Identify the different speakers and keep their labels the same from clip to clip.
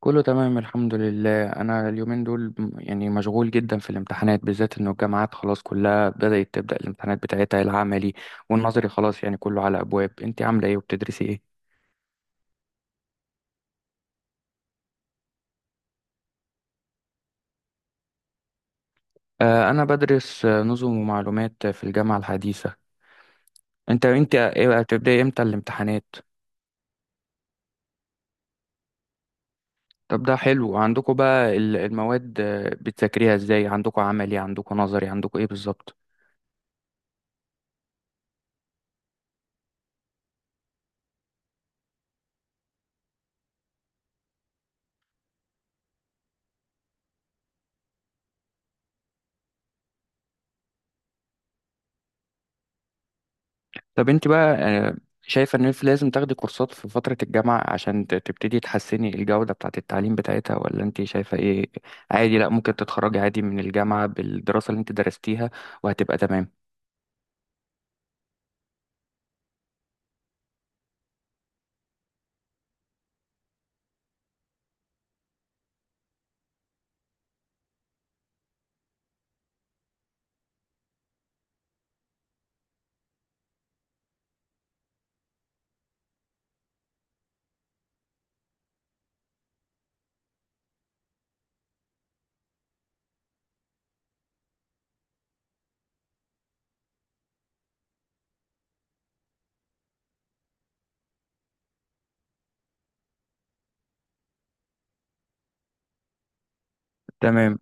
Speaker 1: كله تمام الحمد لله. انا اليومين دول يعني مشغول جدا في الامتحانات، بالذات انه الجامعات خلاص كلها بدأت تبدأ الامتحانات بتاعتها، العملي والنظري خلاص، يعني كله على ابواب. انت عامله ايه وبتدرسي ايه؟ آه انا بدرس نظم ومعلومات في الجامعة الحديثة. انت إيه، هتبدأي امتى الامتحانات؟ طب ده حلو. عندكم بقى المواد بتذاكريها ازاي؟ عندكم عملي، عندكم نظري، عندكم ايه بالظبط؟ طب انت بقى، شايفة ان انت لازم تاخدي كورسات في فترة الجامعة عشان تبتدي تحسني الجودة بتاعة التعليم بتاعتها، ولا انت شايفة ايه؟ عادي؟ لا ممكن تتخرجي عادي من الجامعة بالدراسة اللي انت درستيها وهتبقى تمام. تمام.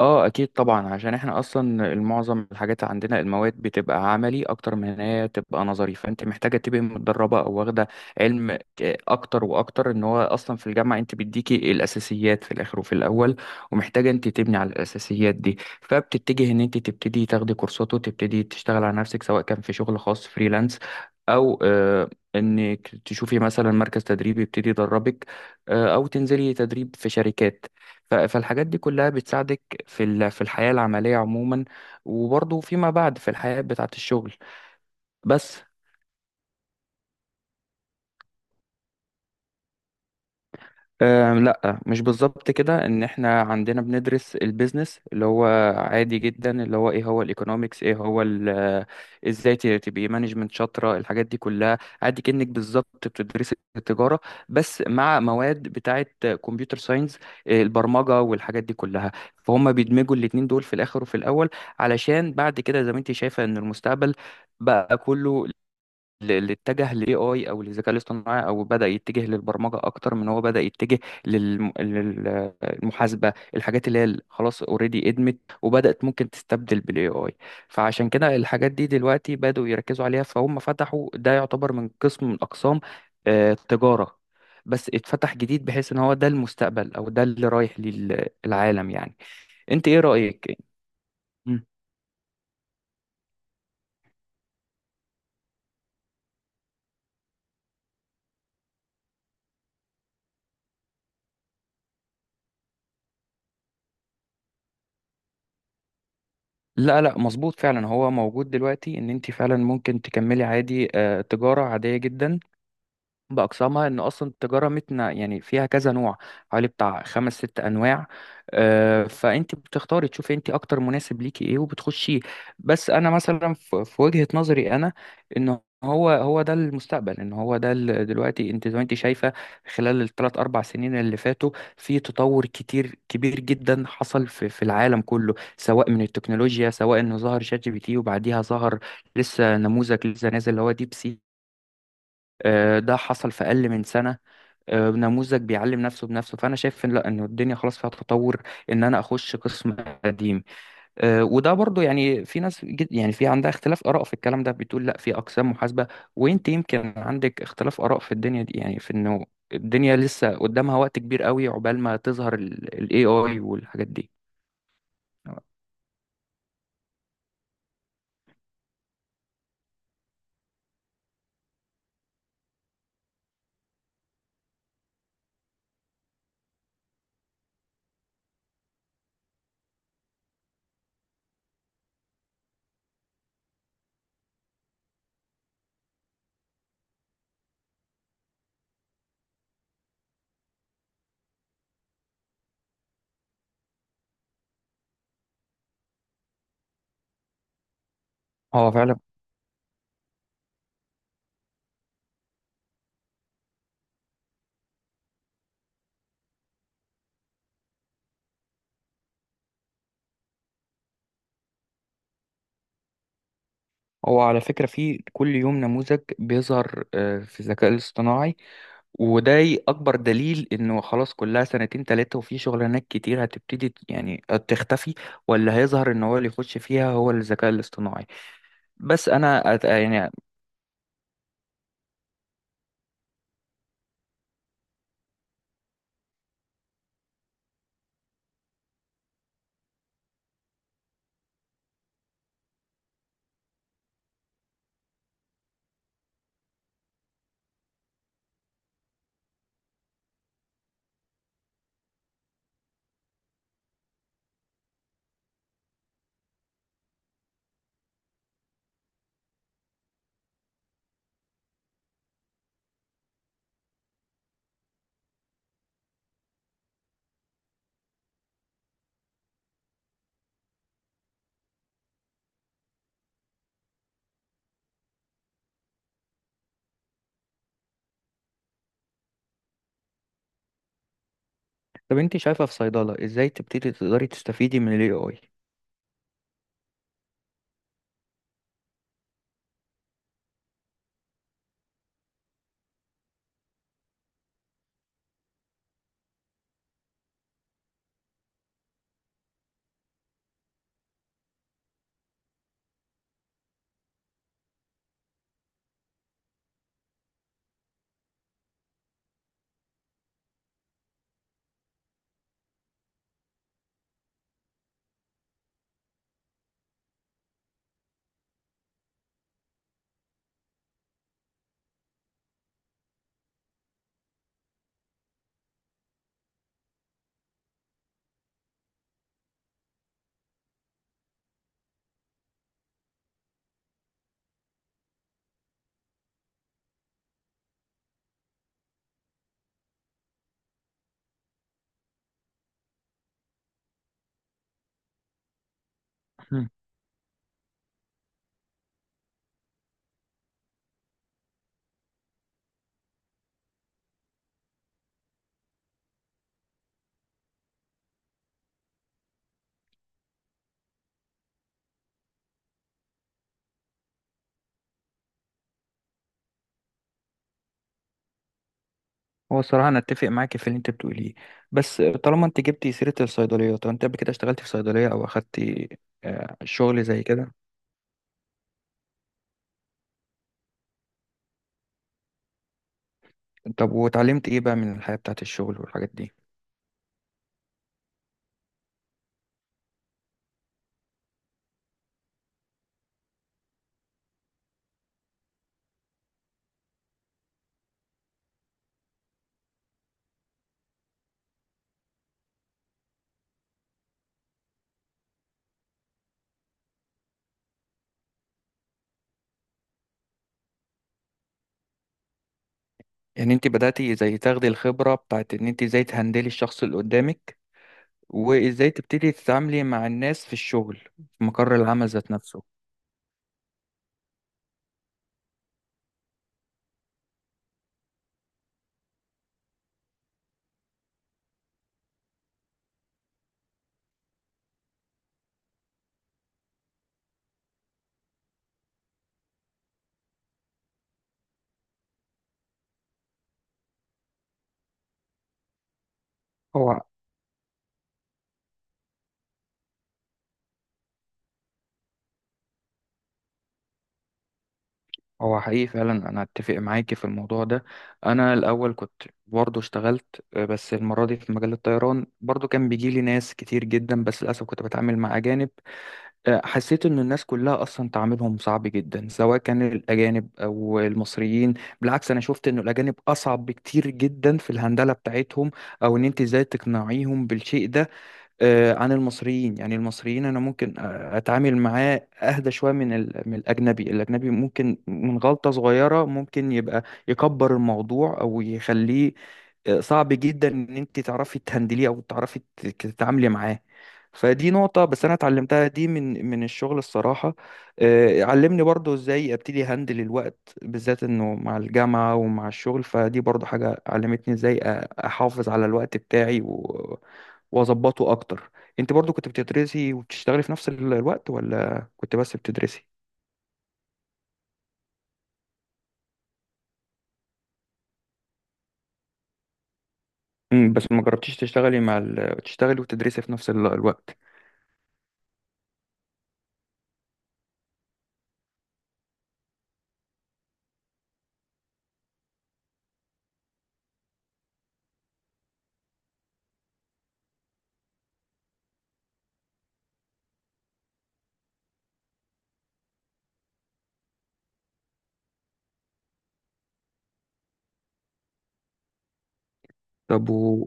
Speaker 1: اه اكيد طبعا، عشان احنا اصلا معظم الحاجات عندنا، المواد بتبقى عملي اكتر من ان هي تبقى نظري، فانت محتاجه تبقى متدربه او واخده علم اكتر واكتر. ان هو اصلا في الجامعه انت بيديكي الاساسيات في الاخر وفي الاول، ومحتاجه انت تبني على الاساسيات دي، فبتتجه ان انت تبتدي تاخدي كورسات وتبتدي تشتغل على نفسك، سواء كان في شغل خاص فريلانس او انك تشوفي مثلا مركز تدريب يبتدي يدربك، او تنزلي تدريب في شركات. فالحاجات دي كلها بتساعدك في في الحياة العملية عموما، وبرضه فيما بعد في الحياة بتاعة الشغل. بس آه لا، مش بالظبط كده. ان احنا عندنا بندرس البيزنس، اللي هو عادي جدا، اللي هو ايه هو الايكونومكس، ايه هو ازاي تبقي مانجمنت شاطره، الحاجات دي كلها، عادي كأنك بالظبط بتدرسي التجاره، بس مع مواد بتاعه كمبيوتر ساينس، البرمجه والحاجات دي كلها. فهم بيدمجوا الاتنين دول في الاخر وفي الاول، علشان بعد كده زي ما انت شايفه ان المستقبل بقى كله اللي اتجه للاي اي او للذكاء الاصطناعي، او بدا يتجه للبرمجه اكتر من هو بدا يتجه للمحاسبه، الحاجات اللي هي خلاص اوريدي ادمت وبدات ممكن تستبدل بالاي اي. فعشان كده الحاجات دي دلوقتي بداوا يركزوا عليها، فهم فتحوا ده، يعتبر من قسم من اقسام التجاره، بس اتفتح جديد، بحيث ان هو ده المستقبل، او ده اللي رايح للعالم يعني. انت ايه رايك؟ لا لا، مظبوط فعلا. هو موجود دلوقتي ان انت فعلا ممكن تكملي عادي، تجارة عادية جدا بأقسامها. إن أصلا التجارة متنا يعني فيها كذا نوع، حوالي بتاع خمس ست أنواع، فأنت بتختاري تشوفي أنت أكتر مناسب ليكي إيه وبتخشيه. بس أنا مثلا، في وجهة نظري أنا، إن هو هو ده المستقبل، إن هو ده دلوقتي أنت زي ما أنت شايفة، خلال الثلاث أربع سنين اللي فاتوا في تطور كتير كبير جدا حصل في العالم كله، سواء من التكنولوجيا، سواء إنه ظهر شات جي بي تي، وبعديها ظهر لسه نموذج لسه نازل اللي هو ديب سي. ده حصل في أقل من سنة. نموذج بيعلم نفسه بنفسه. فانا شايف ان لا، ان الدنيا خلاص فيها تطور، ان انا اخش قسم قديم. وده برضو، يعني في ناس يعني في عندها اختلاف اراء في الكلام ده، بتقول لا في اقسام محاسبه، وانت يمكن عندك اختلاف اراء في الدنيا دي، يعني في انه الدنيا لسه قدامها وقت كبير قوي عقبال ما تظهر الاي اي والحاجات دي. هو فعلا، هو على فكرة في كل يوم نموذج بيظهر في الذكاء الاصطناعي. وده اكبر دليل انه خلاص، كلها سنتين تلاتة وفي شغلانات كتير هتبتدي يعني تختفي، ولا هيظهر ان هو اللي يخش فيها هو الذكاء الاصطناعي. بس انا يعني، طب انت شايفة في صيدلة ازاي تبتدي تقدري تستفيدي من الاي اي؟ مم. هو الصراحة أنا أتفق معاكي في اللي أنت بتقوليه، بس طالما أنت جبتي سيرة الصيدلية، طب أنت قبل كده اشتغلتي في صيدلية أو أخدتي شغل زي كده؟ طب واتعلمت إيه بقى من الحياة بتاعت الشغل والحاجات دي؟ يعني انت بدأتي زي تاخدي الخبرة بتاعت ان انت ازاي تهندلي الشخص اللي قدامك، وازاي تبتدي تتعاملي مع الناس في الشغل، في مقر العمل ذات نفسه. هو هو حقيقي فعلا، انا اتفق معاكي في الموضوع ده. انا الاول كنت برضه اشتغلت، بس المرة دي في مجال الطيران، برضه كان بيجي لي ناس كتير جدا، بس للاسف كنت بتعامل مع اجانب. حسيت ان الناس كلها اصلا تعاملهم صعب جدا، سواء كان الاجانب او المصريين. بالعكس انا شفت ان الاجانب اصعب بكتير جدا في الهندلة بتاعتهم، او ان انت ازاي تقنعيهم بالشيء ده، عن المصريين. يعني المصريين انا ممكن اتعامل معاه اهدى شويه من من الاجنبي. الاجنبي ممكن من غلطه صغيره ممكن يبقى يكبر الموضوع، او يخليه صعب جدا ان انت تعرفي تهندليه او تعرفي تتعاملي معاه. فدي نقطة بس أنا اتعلمتها دي من الشغل الصراحة. علمني برضو إزاي أبتدي هندل الوقت، بالذات إنه مع الجامعة ومع الشغل، فدي برضو حاجة علمتني إزاي أحافظ على الوقت بتاعي واظبطه اكتر. انت برضو كنت بتدرسي وبتشتغلي في نفس الوقت، ولا كنت بس بتدرسي؟ امم، بس ما جربتيش تشتغلي مع تشتغلي وتدرسي في نفس الوقت. طب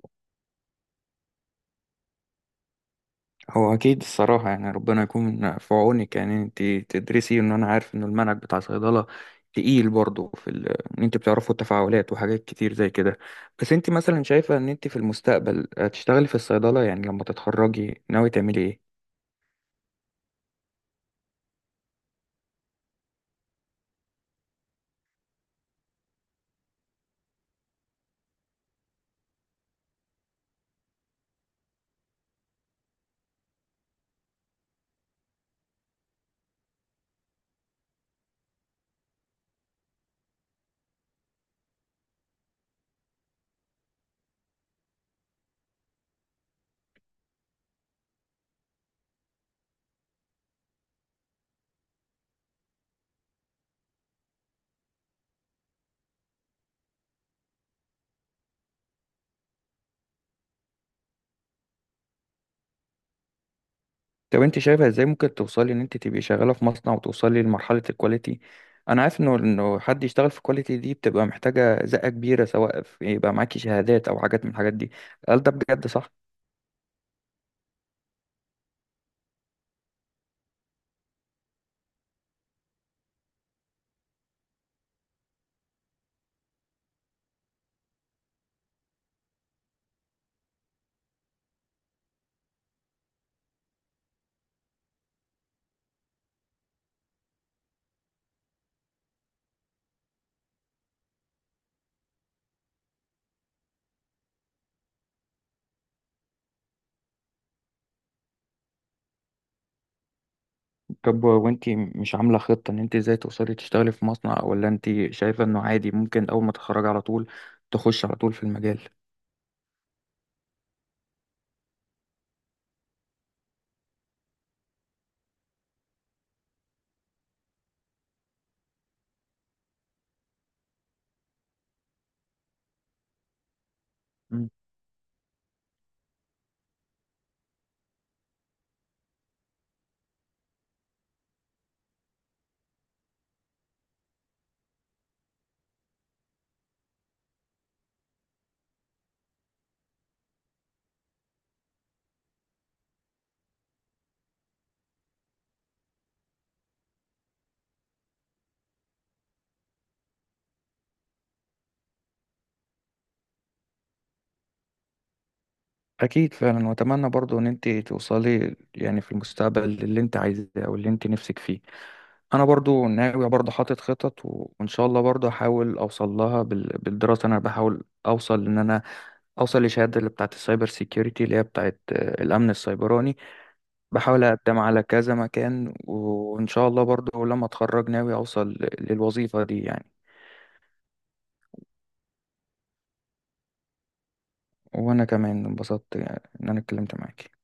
Speaker 1: هو اكيد الصراحه، يعني ربنا يكون في عونك، يعني انت تدرسي. ان انا عارف ان المنهج بتاع صيدله تقيل برضه في ان انت بتعرفوا التفاعلات وحاجات كتير زي كده. بس انت مثلا شايفه ان انت في المستقبل هتشتغلي في الصيدله؟ يعني لما تتخرجي ناوي تعملي ايه؟ طب انت شايفه ازاي ممكن توصلي ان انت تبقي شغاله في مصنع وتوصلي لمرحله الكواليتي؟ انا عارف انه، انه حد يشتغل في الكواليتي دي بتبقى محتاجه زقه كبيره، سواء في يبقى معاكي شهادات او حاجات من الحاجات دي. هل ده بجد صح؟ طب وانت مش عامله خطه ان انت ازاي توصلي تشتغلي في مصنع، ولا انت شايفه انه عادي ممكن اول ما تتخرجي على طول تخش على طول في المجال؟ مم. اكيد فعلا، واتمنى برضو ان انت توصلي يعني في المستقبل اللي انت عايزاه او اللي انت نفسك فيه. انا برضو ناوي، برضو حاطط خطط وان شاء الله برضو احاول اوصل لها بالدراسه. انا بحاول اوصل ان انا اوصل لشهاده اللي بتاعت السايبر سيكيورتي، اللي هي بتاعت الامن السيبراني. بحاول اقدم على كذا مكان، وان شاء الله برضو لما اتخرج ناوي اوصل للوظيفه دي يعني. وانا كمان انبسطت ان انا اتكلمت معاك.